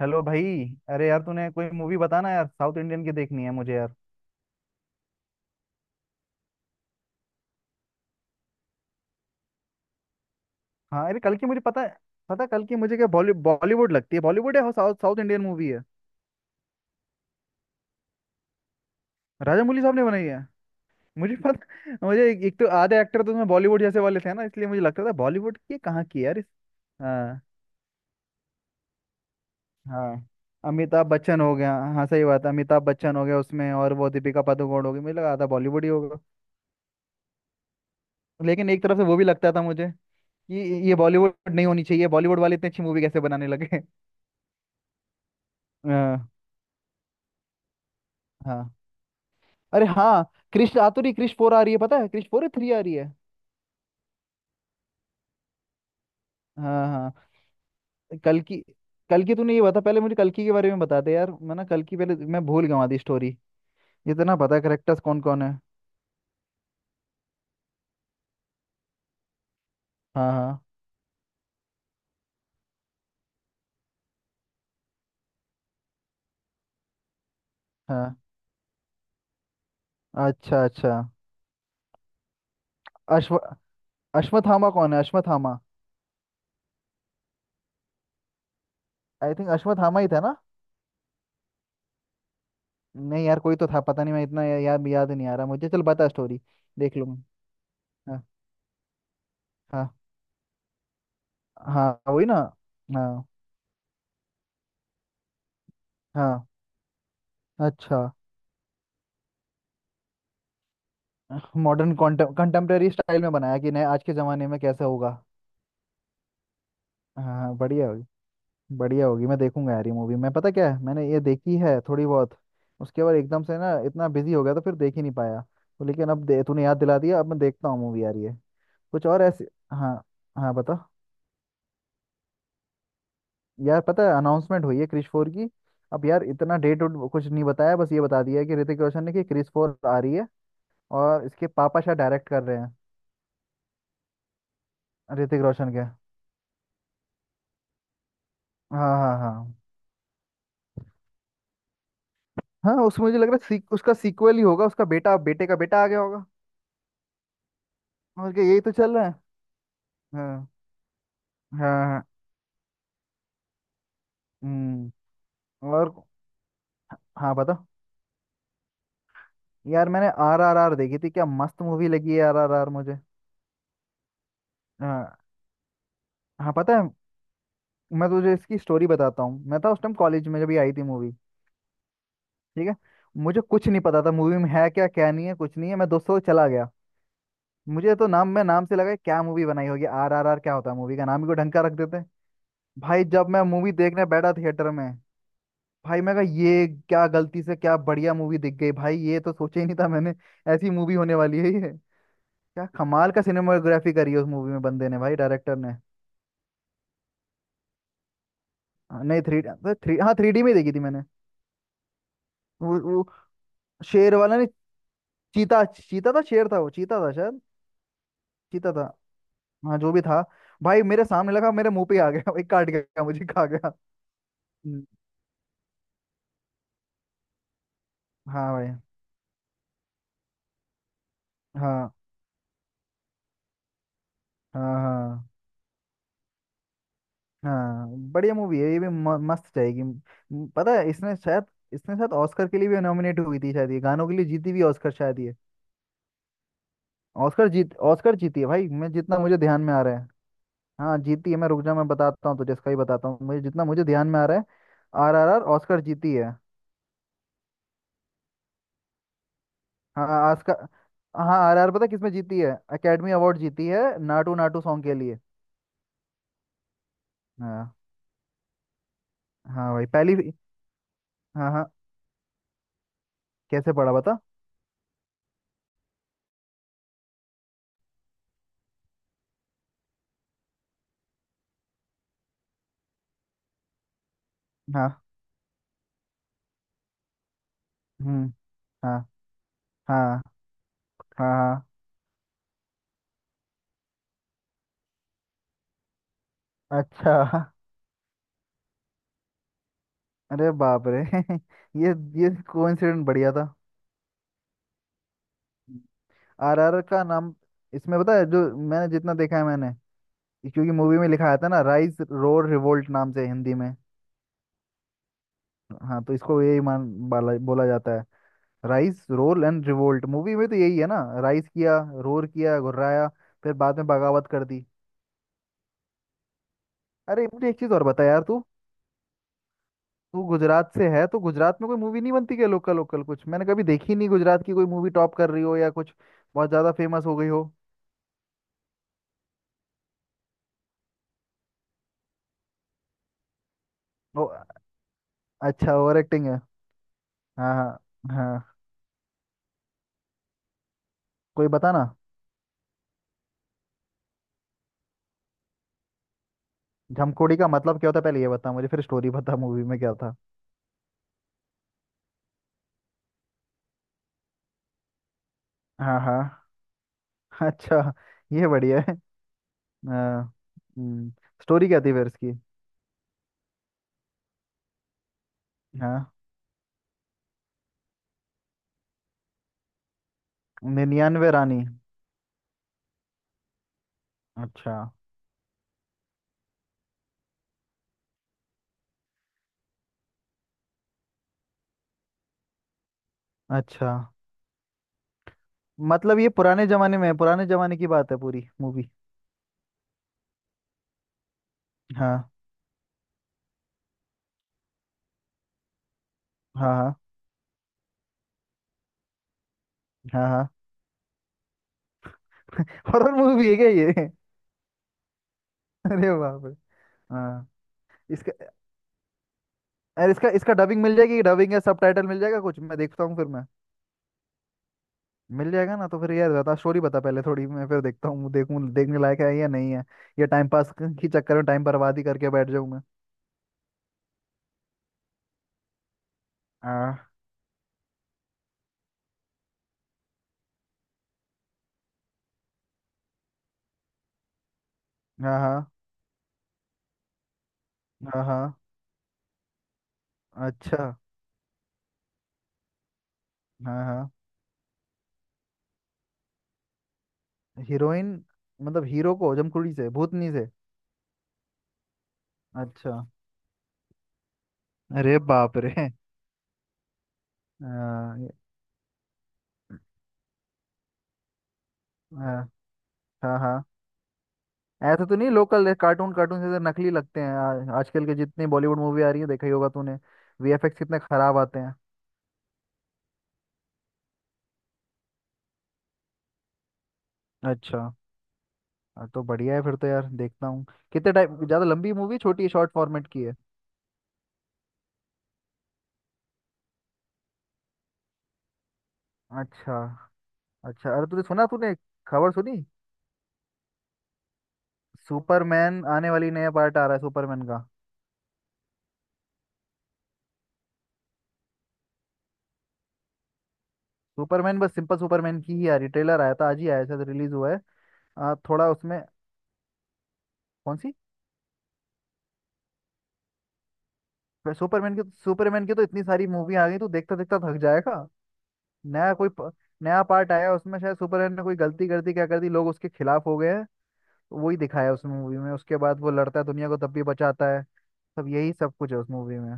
Hello भाई। अरे यार तूने कोई मूवी बताना यार, साउथ इंडियन की देखनी है मुझे यार। हाँ, अरे कल की मुझे पता है। पता है, कल की मुझे क्या बॉलीवुड लगती है। बॉलीवुड है। साउथ साउथ इंडियन मूवी है। राजामौली साहब ने बनाई है। मुझे पता मुझे एक तो आधे एक्टर तो उसमें बॉलीवुड जैसे वाले थे ना, इसलिए मुझे लगता था बॉलीवुड की कहाँ की है यार इस। हाँ। हाँ अमिताभ बच्चन हो गया। हाँ सही बात है, अमिताभ बच्चन हो गया उसमें और वो दीपिका पादुकोण हो गई, मुझे लगा था बॉलीवुड ही होगा। लेकिन एक तरफ से वो भी लगता था मुझे कि ये बॉलीवुड नहीं होनी चाहिए, बॉलीवुड वाले इतनी अच्छी मूवी कैसे बनाने लगे हाँ। हाँ। अरे हाँ। कृष्ण आ तो रही, कृष्ण 4 आ रही है पता है, कृष्ण 4 है, 3 आ रही है। हाँ हाँ। कल की, कल की तूने ये बता पहले मुझे, कल की के बारे में बता दे यार। मैं ना कल की पहले मैं भूल गया आधी स्टोरी। इतना पता है करेक्टर्स कौन कौन है। हाँ हाँ हाँ। अच्छा अच्छा। अश्व अश्वत्थामा कौन है, अश्वत्थामा? आई थिंक अश्वत्थामा ही था ना। नहीं यार, कोई तो था, पता नहीं मैं इतना या, याद याद नहीं आ रहा मुझे। चल बता स्टोरी, देख लूंगा। हाँ हाँ। हाँ वही ना। हाँ हाँ। अच्छा। मॉडर्न कंटेम्प्रेरी स्टाइल में बनाया कि नहीं, आज के ज़माने में कैसा होगा। हाँ बढ़िया होगी। बढ़िया होगी, मैं देखूंगा यार ये मूवी। मैं पता क्या है मैंने ये देखी है थोड़ी बहुत। उसके बाद एकदम से ना इतना बिजी हो गया तो फिर देख ही नहीं पाया। तो लेकिन अब दे तूने याद दिला दिया, अब मैं देखता हूँ मूवी यार ये। कुछ और ऐसे। हाँ। हाँ बता। यार पता है अनाउंसमेंट हुई है क्रिश 4 की। अब यार इतना डेट उट कुछ नहीं बताया, बस ये बता दिया है कि ऋतिक रोशन ने कि क्रिश 4 आ रही है। और इसके पापा शायद डायरेक्ट कर रहे हैं। ऋतिक रोशन के। हाँ हाँ हाँ। हाँ उसमें मुझे लग रहा है उसका सीक्वल ही होगा, उसका बेटा बेटे का बेटा आ गया होगा। और क्या, यही तो चल रहा है। हाँ हाँ हाँ, हम्म। और। हाँ बता। यार मैंने RRR देखी थी, क्या मस्त मूवी लगी है RRR मुझे। हाँ। हाँ पता है। मैं तुझे इसकी स्टोरी बताता हूँ। मैं था उस टाइम कॉलेज में जब ये आई थी मूवी। ठीक है। मुझे कुछ नहीं पता था मूवी में है क्या क्या नहीं है कुछ नहीं है, मैं दोस्तों से चला गया। मुझे तो नाम, मैं नाम से लगा क्या मूवी बनाई होगी RRR, क्या होता है मूवी का नाम ही को ढंग का रख देते हैं। भाई जब मैं मूवी देखने बैठा थिएटर में, भाई मैं कहा ये क्या, गलती से क्या बढ़िया मूवी दिख गई भाई, ये तो सोचा ही नहीं था मैंने ऐसी मूवी होने वाली है ये। क्या कमाल का सिनेमाटोग्राफी करी है उस मूवी में बंदे ने, भाई डायरेक्टर ने। हाँ, नहीं थ्री तो थ्री, हाँ थ्री डी में देखी थी मैंने। वो शेर वाला नहीं। चीता, चीता था, शेर था वो, चीता था शायद। चीता था। हाँ जो भी था। भाई मेरे सामने लगा, मेरे मुंह पे ही आ गया, एक काट गया मुझे, खा गया। हम्म, हाँ भाई। हाँ हाँ हाँ। हाँ बढ़िया मूवी है ये भी। मस्त जाएगी। पता है इसने शायद, इसने शायद ऑस्कर के लिए भी नॉमिनेट हुई थी शायद, ये गानों के लिए जीती भी ऑस्कर शायद ये। ऑस्कर जीती है भाई, मैं जितना मुझे ध्यान में आ रहा है। हाँ जीती है, मैं रुक जा मैं बताता हूँ तुझे, इसका ही बताता हूँ, मुझे जितना मुझे ध्यान में आ रहा है। आर आर आर ऑस्कर जीती है। हाँ ऑस्कर। हाँ RR पता है किसमें जीती है, अकेडमी अवार्ड जीती है नाटू नाटू सॉन्ग के लिए। हाँ। हाँ भाई पहली। हाँ हाँ। कैसे पढ़ा बता। हाँ हम्म। हाँ हाँ हाँ हाँ। अच्छा अरे बाप रे ये ये कोइंसिडेंट बढ़िया था। RR का नाम। इसमें पता है जो, मैंने जितना देखा है मैंने, क्योंकि मूवी में लिखा था ना राइज रोर रिवोल्ट नाम से हिंदी में। हाँ तो इसको यही मान बोला जाता है। Rise roar and revolt, movie में तो यही है ना, राइज किया, रोर किया घुर्राया, फिर बाद में बगावत कर दी। अरे मुझे एक चीज और बता यार तू। तू गुजरात से है तो गुजरात में कोई मूवी नहीं बनती क्या, लोकल लोकल कुछ मैंने कभी देखी नहीं, गुजरात की कोई मूवी टॉप कर रही हो या कुछ, बहुत ज्यादा फेमस हो गई हो। अच्छा ओवर एक्टिंग है। हाँ हाँ हाँ। कोई बता ना। झमकोड़ी का मतलब क्या होता है पहले ये बता मुझे, फिर स्टोरी बता मूवी में क्या था। हाँ हाँ अच्छा। ये बढ़िया है। हाँ। स्टोरी क्या थी फिर इसकी। हाँ। 99 रानी। अच्छा। अच्छा, मतलब ये पुराने जमाने में है, पुराने जमाने की बात है पूरी मूवी। हाँ। हाँ हाँ हाँ हाँ हॉरर मूवी है क्या ये अरे बाप रे। हाँ। इसका, अरे इसका इसका डबिंग मिल जाएगी, डबिंग या सबटाइटल मिल जाएगा कुछ, मैं देखता हूँ फिर मैं। मिल जाएगा ना, तो फिर यार बता स्टोरी बता पहले थोड़ी, मैं फिर देखता हूँ, देखूँ देखने लायक है या नहीं है, या टाइम पास की चक्कर में टाइम बर्बाद ही करके बैठ जाऊँ मैं। हाँ हाँ हाँ। हाँ हाँ, अच्छा। हाँ हाँ। हीरोइन, मतलब हीरो को जमकुड़ी से, भूतनी से। अच्छा। अरे बाप रे। हाँ ये-। हाँ हाँ हाँ। ऐसा तो नहीं लोकल कार्टून, कार्टून से तो नकली लगते हैं आजकल के जितने बॉलीवुड मूवी आ रही है देखा ही होगा तूने, VFX कितने खराब आते हैं। अच्छा। हाँ, तो बढ़िया है फिर तो यार देखता हूँ। कितने टाइम ज्यादा, लंबी मूवी छोटी है शॉर्ट फॉर्मेट की है। अच्छा। अच्छा अरे तूने सुना, तूने खबर सुनी? सुपरमैन आने वाली, नया पार्ट आ रहा है सुपरमैन का। सुपरमैन बस सिंपल सुपरमैन की ही आ रही, ट्रेलर आया था आज ही आया शायद रिलीज हुआ है। आ, थोड़ा उसमें। कौन सी? सुपरमैन की, सुपरमैन की तो इतनी सारी मूवी आ गई तू देखता देखता थक जाएगा। नया कोई प, नया पार्ट आया उसमें शायद सुपरमैन ने कोई गलती कर दी, क्या कर दी, लोग उसके खिलाफ हो गए हैं। वही दिखाया उस मूवी में, उसके बाद वो लड़ता है दुनिया को तब भी बचाता है। सब यही सब कुछ है उस मूवी में।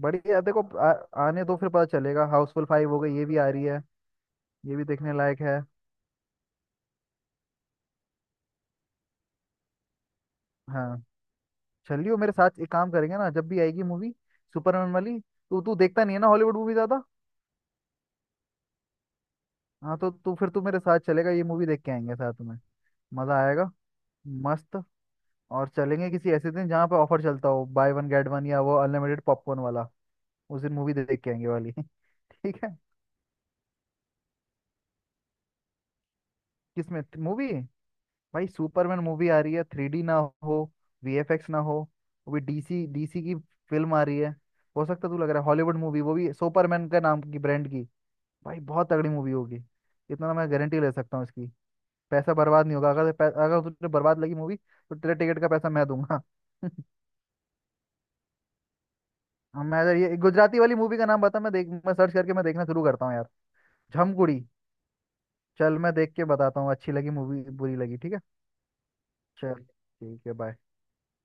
बढ़िया देखो आने दो फिर पता चलेगा। हाउसफुल 5 हो गई, ये भी आ रही है, ये भी देखने लायक है। हाँ चलियो मेरे साथ एक काम करेंगे ना, जब भी आएगी मूवी सुपरमैन वाली। तो तू देखता नहीं है ना हॉलीवुड मूवी ज्यादा। हाँ तो तू फिर तू मेरे साथ चलेगा, ये मूवी देख के आएंगे साथ में, मजा आएगा। मस्त। और चलेंगे किसी ऐसे दिन जहाँ पे ऑफर चलता हो बाय वन गेट वन, या वो अनलिमिटेड पॉपकॉर्न वाला। उस दिन मूवी देख के आएंगे वाली ठीक है। किसमें? मूवी। भाई सुपरमैन मूवी आ रही है, 3D ना हो, VFX ना हो। वो भी डीसी डीसी की फिल्म आ रही है। हो सकता तू, लग रहा है हॉलीवुड मूवी, वो भी सुपरमैन के नाम की ब्रांड की, भाई बहुत तगड़ी मूवी होगी। इतना मैं गारंटी ले सकता हूँ इसकी। पैसा बर्बाद नहीं होगा, अगर अगर तुझे बर्बाद लगी मूवी तो तेरे टिकट का पैसा मैं दूंगा हाँ, मैं, अगर ये गुजराती वाली मूवी का नाम बता, मैं देख मैं सर्च करके मैं देखना शुरू करता हूँ यार। झमकुड़ी। चल मैं देख के बताता हूँ अच्छी लगी मूवी बुरी लगी, ठीक है। चल ठीक है, बाय।